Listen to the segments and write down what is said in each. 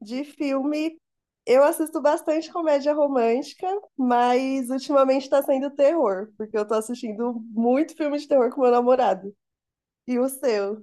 De filme, eu assisto bastante comédia romântica, mas ultimamente tá sendo terror, porque eu tô assistindo muito filme de terror com meu namorado. E o seu?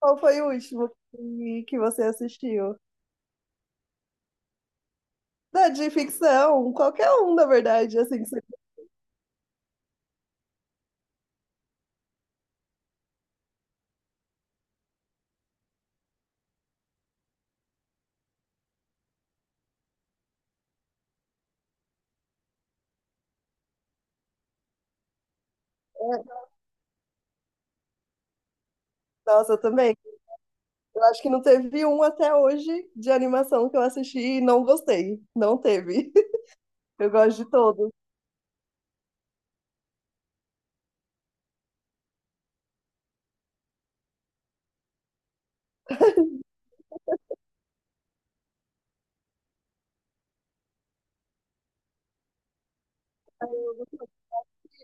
Qual foi o último que você assistiu? Da de ficção, qualquer um, na verdade, assim, que você quer. Nossa, eu também. Eu acho que não teve um até hoje de animação que eu assisti e não gostei. Não teve. Eu gosto de todos.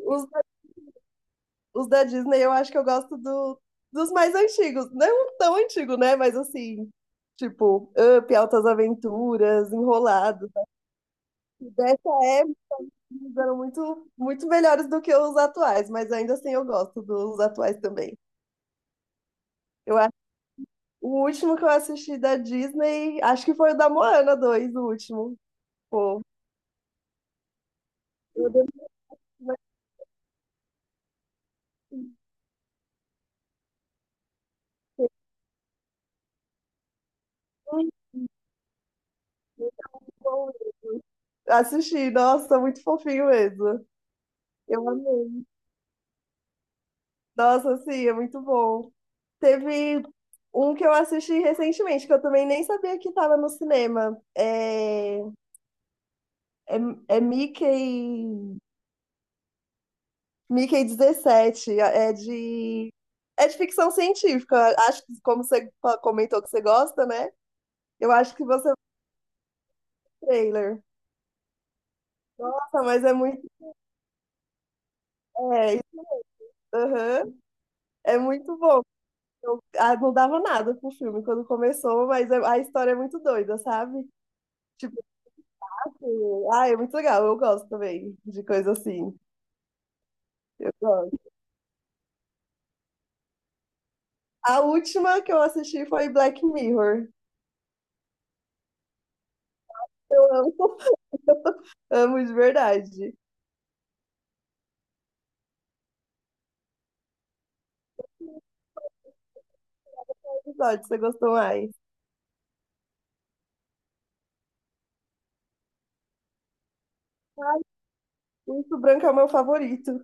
Os os da Disney eu acho que eu gosto dos mais antigos. Não tão antigo, né? Mas assim, tipo, Up, Altas Aventuras, Enrolado. Dessa época eles eram muito, muito melhores do que os atuais, mas ainda assim eu gosto dos atuais também. Eu acho o último que eu assisti da Disney, acho que foi o da Moana 2 o último. Pô, eu devo dizer que é muito bom mesmo. Assisti, nossa, muito fofinho mesmo. Eu amei. Nossa, sim, é muito bom. Teve um que eu assisti recentemente, que eu também nem sabia que estava no cinema. É, é, Mickey 17, é de ficção científica. Acho que, como você comentou que você gosta, né? Eu acho que você viu o trailer. Nossa, mas é muito. É, aham, é muito bom. Eu, não dava nada pro filme quando começou, mas a história é muito doida, sabe? Tipo, ah, é muito legal, eu gosto também de coisa assim. Eu gosto. A última que eu assisti foi Black Mirror. Eu amo, amo de verdade. Qual episódio você gostou mais? Muito Branco é o meu favorito.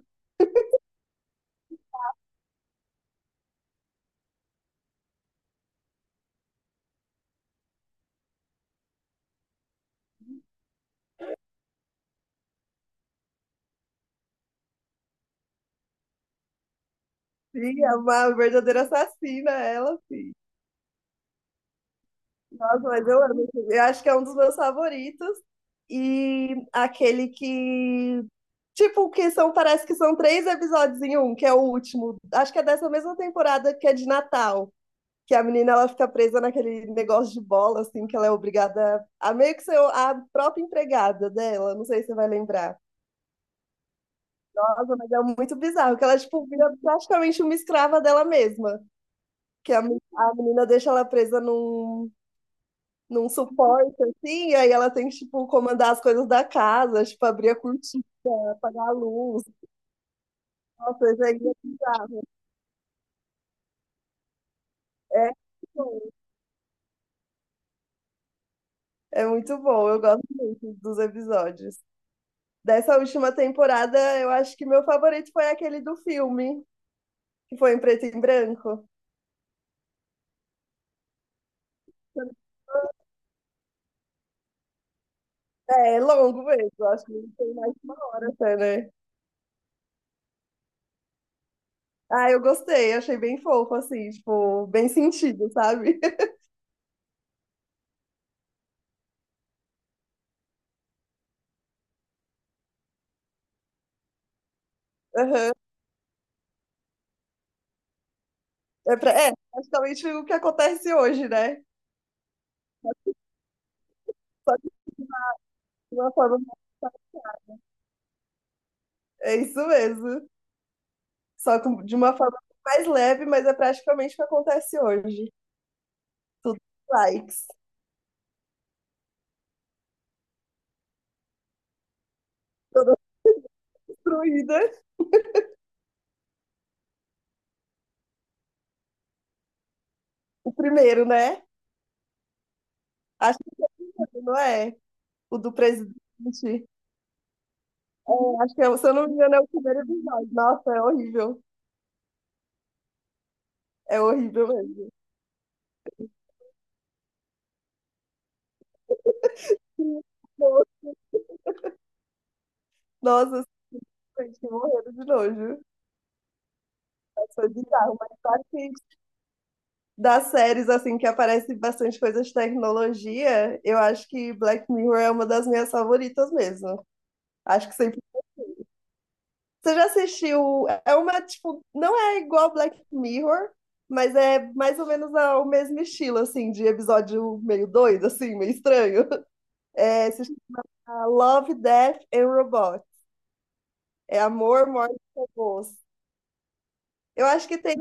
Sim, é uma verdadeira assassina, ela, sim. Nossa, mas eu amo. Eu acho que é um dos meus favoritos. E aquele que. Tipo, que são, parece que são três episódios em um, que é o último. Acho que é dessa mesma temporada que é de Natal. Que a menina ela fica presa naquele negócio de bola, assim, que ela é obrigada a meio que ser a própria empregada dela, não sei se você vai lembrar. Nossa, mas é muito bizarro, que ela, tipo, vira praticamente uma escrava dela mesma, que a menina deixa ela presa num suporte, assim, e aí ela tem que, tipo, comandar as coisas da casa, tipo, abrir a cortina, apagar a luz. Nossa, isso aí é é muito bom, eu gosto muito dos episódios. Dessa última temporada, eu acho que meu favorito foi aquele do filme, que foi em preto e branco. É, é longo mesmo, acho que tem mais de uma hora até, né? Ah, eu gostei, achei bem fofo, assim, tipo, bem sentido, sabe? Aham. É, praticamente o que acontece hoje, né? Só que de uma forma. É isso mesmo. Só de uma forma mais leve, mas é praticamente o que acontece hoje. Tudo likes, toda destruída. O primeiro, né? Acho que não é o do presidente. É, acho que, se eu não me engano, é o primeiro episódio. Nossa, é horrível. É horrível mesmo. Nossa, gente, morrendo de nojo. Foi bizarro, mas claro que das séries, assim, que aparece bastante coisa de tecnologia, eu acho que Black Mirror é uma das minhas favoritas mesmo. Acho que sempre. Você já assistiu. É uma, tipo, não é igual Black Mirror, mas é mais ou menos o mesmo estilo, assim, de episódio meio doido, assim, meio estranho. É, se Ah, Love, Death and Robot. É Amor, Morte e Robôs. Eu acho que tem.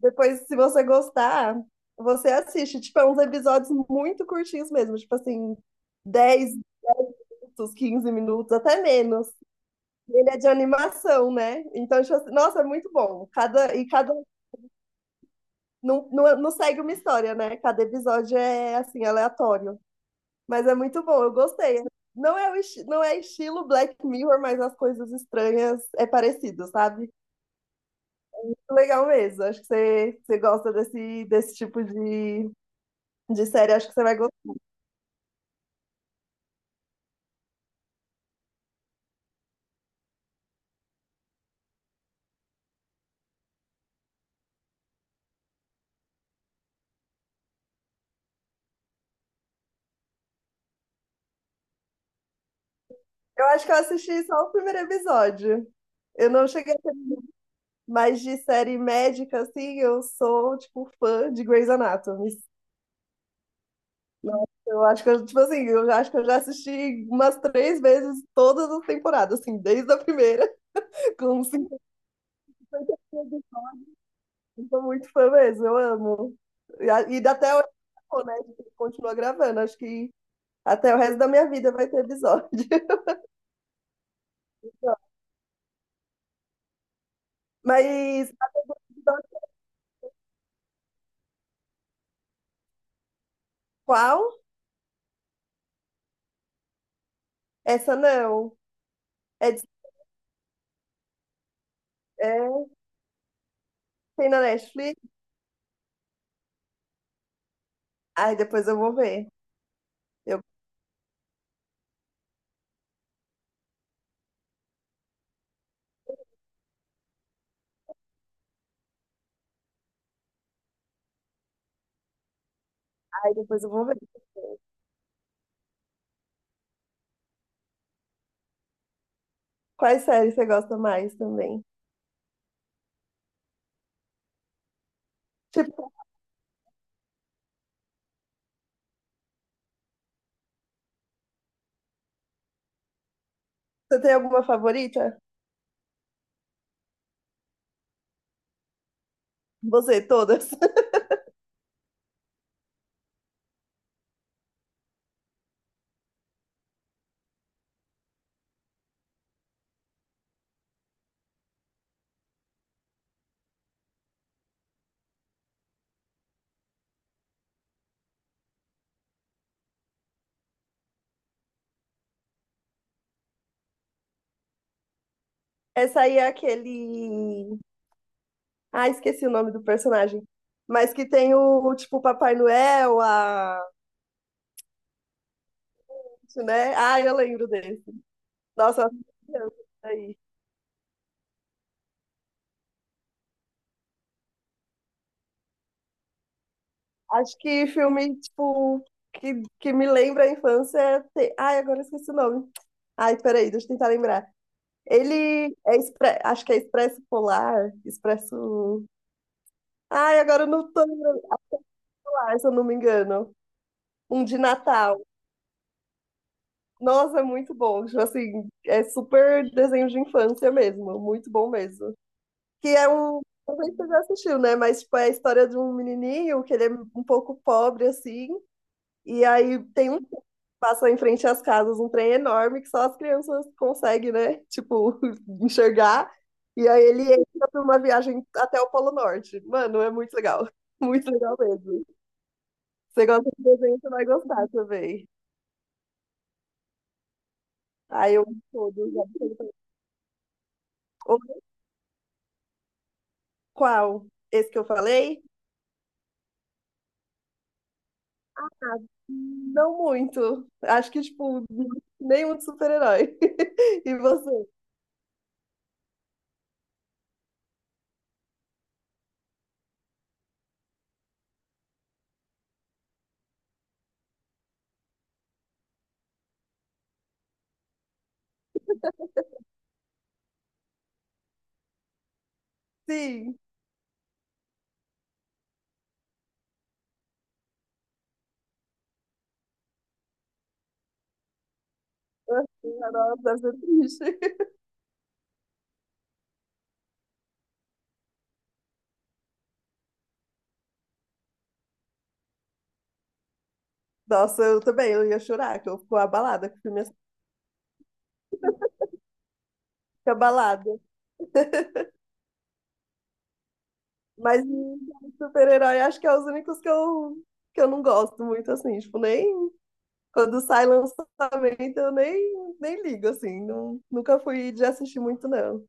Depois, se você gostar, você assiste. Tipo, é uns episódios muito curtinhos mesmo. Tipo assim, 10 minutos, 15 minutos, até menos. E ele é de animação, né? Então, tipo assim, nossa, é muito bom. Cada, e cada. Não, não, não segue uma história, né? Cada episódio é, assim, aleatório. Mas é muito bom, eu gostei. Não é, o não é estilo Black Mirror, mas as coisas estranhas é parecido, sabe? Legal mesmo. Acho que você gosta desse tipo de série. Acho que você vai gostar. Eu acho que eu assisti só o primeiro episódio. Eu não cheguei a ter mais de série médica, assim. Eu sou, tipo, fã de Grey's Anatomy. Eu acho que eu, tipo assim, eu acho que eu já assisti umas três vezes todas as temporadas, assim, desde a primeira, com 50 episódios. Eu sou muito fã mesmo, eu amo. E até hoje, né? A gente continua gravando. Acho que até o resto da minha vida vai ter episódio. Mas sabe qual? Essa não. É, é, tem na Netflix. Ai, depois eu vou ver. Eu, ai, depois eu vou ver. Quais séries você gosta mais também? Tipo, você tem alguma favorita? Você, todas. Essa aí é aquele. Ah, esqueci o nome do personagem. Mas que tem o, tipo, o Papai Noel, a. Né? Ah, eu lembro desse. Nossa, eu assisti criança, isso aí. Acho que filme, tipo, que me lembra a infância. Tem. Ai, agora eu esqueci o nome. Ai, peraí, deixa eu tentar lembrar. Acho que é Expresso Polar, Expresso. Ai, agora eu não tô lembrando mais, se eu não me engano. Um de Natal. Nossa, é muito bom. Tipo assim, é super desenho de infância mesmo. Muito bom mesmo. Que é um. Não sei se você já assistiu, né? Mas, tipo, é a história de um menininho que ele é um pouco pobre, assim. E aí tem um trem que passa em frente às casas, um trem enorme que só as crianças conseguem, né? Tipo, enxergar. E aí ele entra pra uma viagem até o Polo Norte. Mano, é muito legal. Muito legal mesmo. Você gosta de desenho, você vai gostar também. Aí eu amo todos. Absolutamente. O- Qual? Esse que eu falei? Não muito. Acho que, tipo, nenhum de super-herói. E você? Sim. Nossa, deve ser triste. Nossa, eu também, eu ia chorar, que eu fico abalada, que o filme é abalada. Mas de super-herói, acho que é os únicos que eu não gosto muito, assim, tipo, nem quando sai lançamento, eu nem ligo, assim, não, nunca fui de assistir muito, não.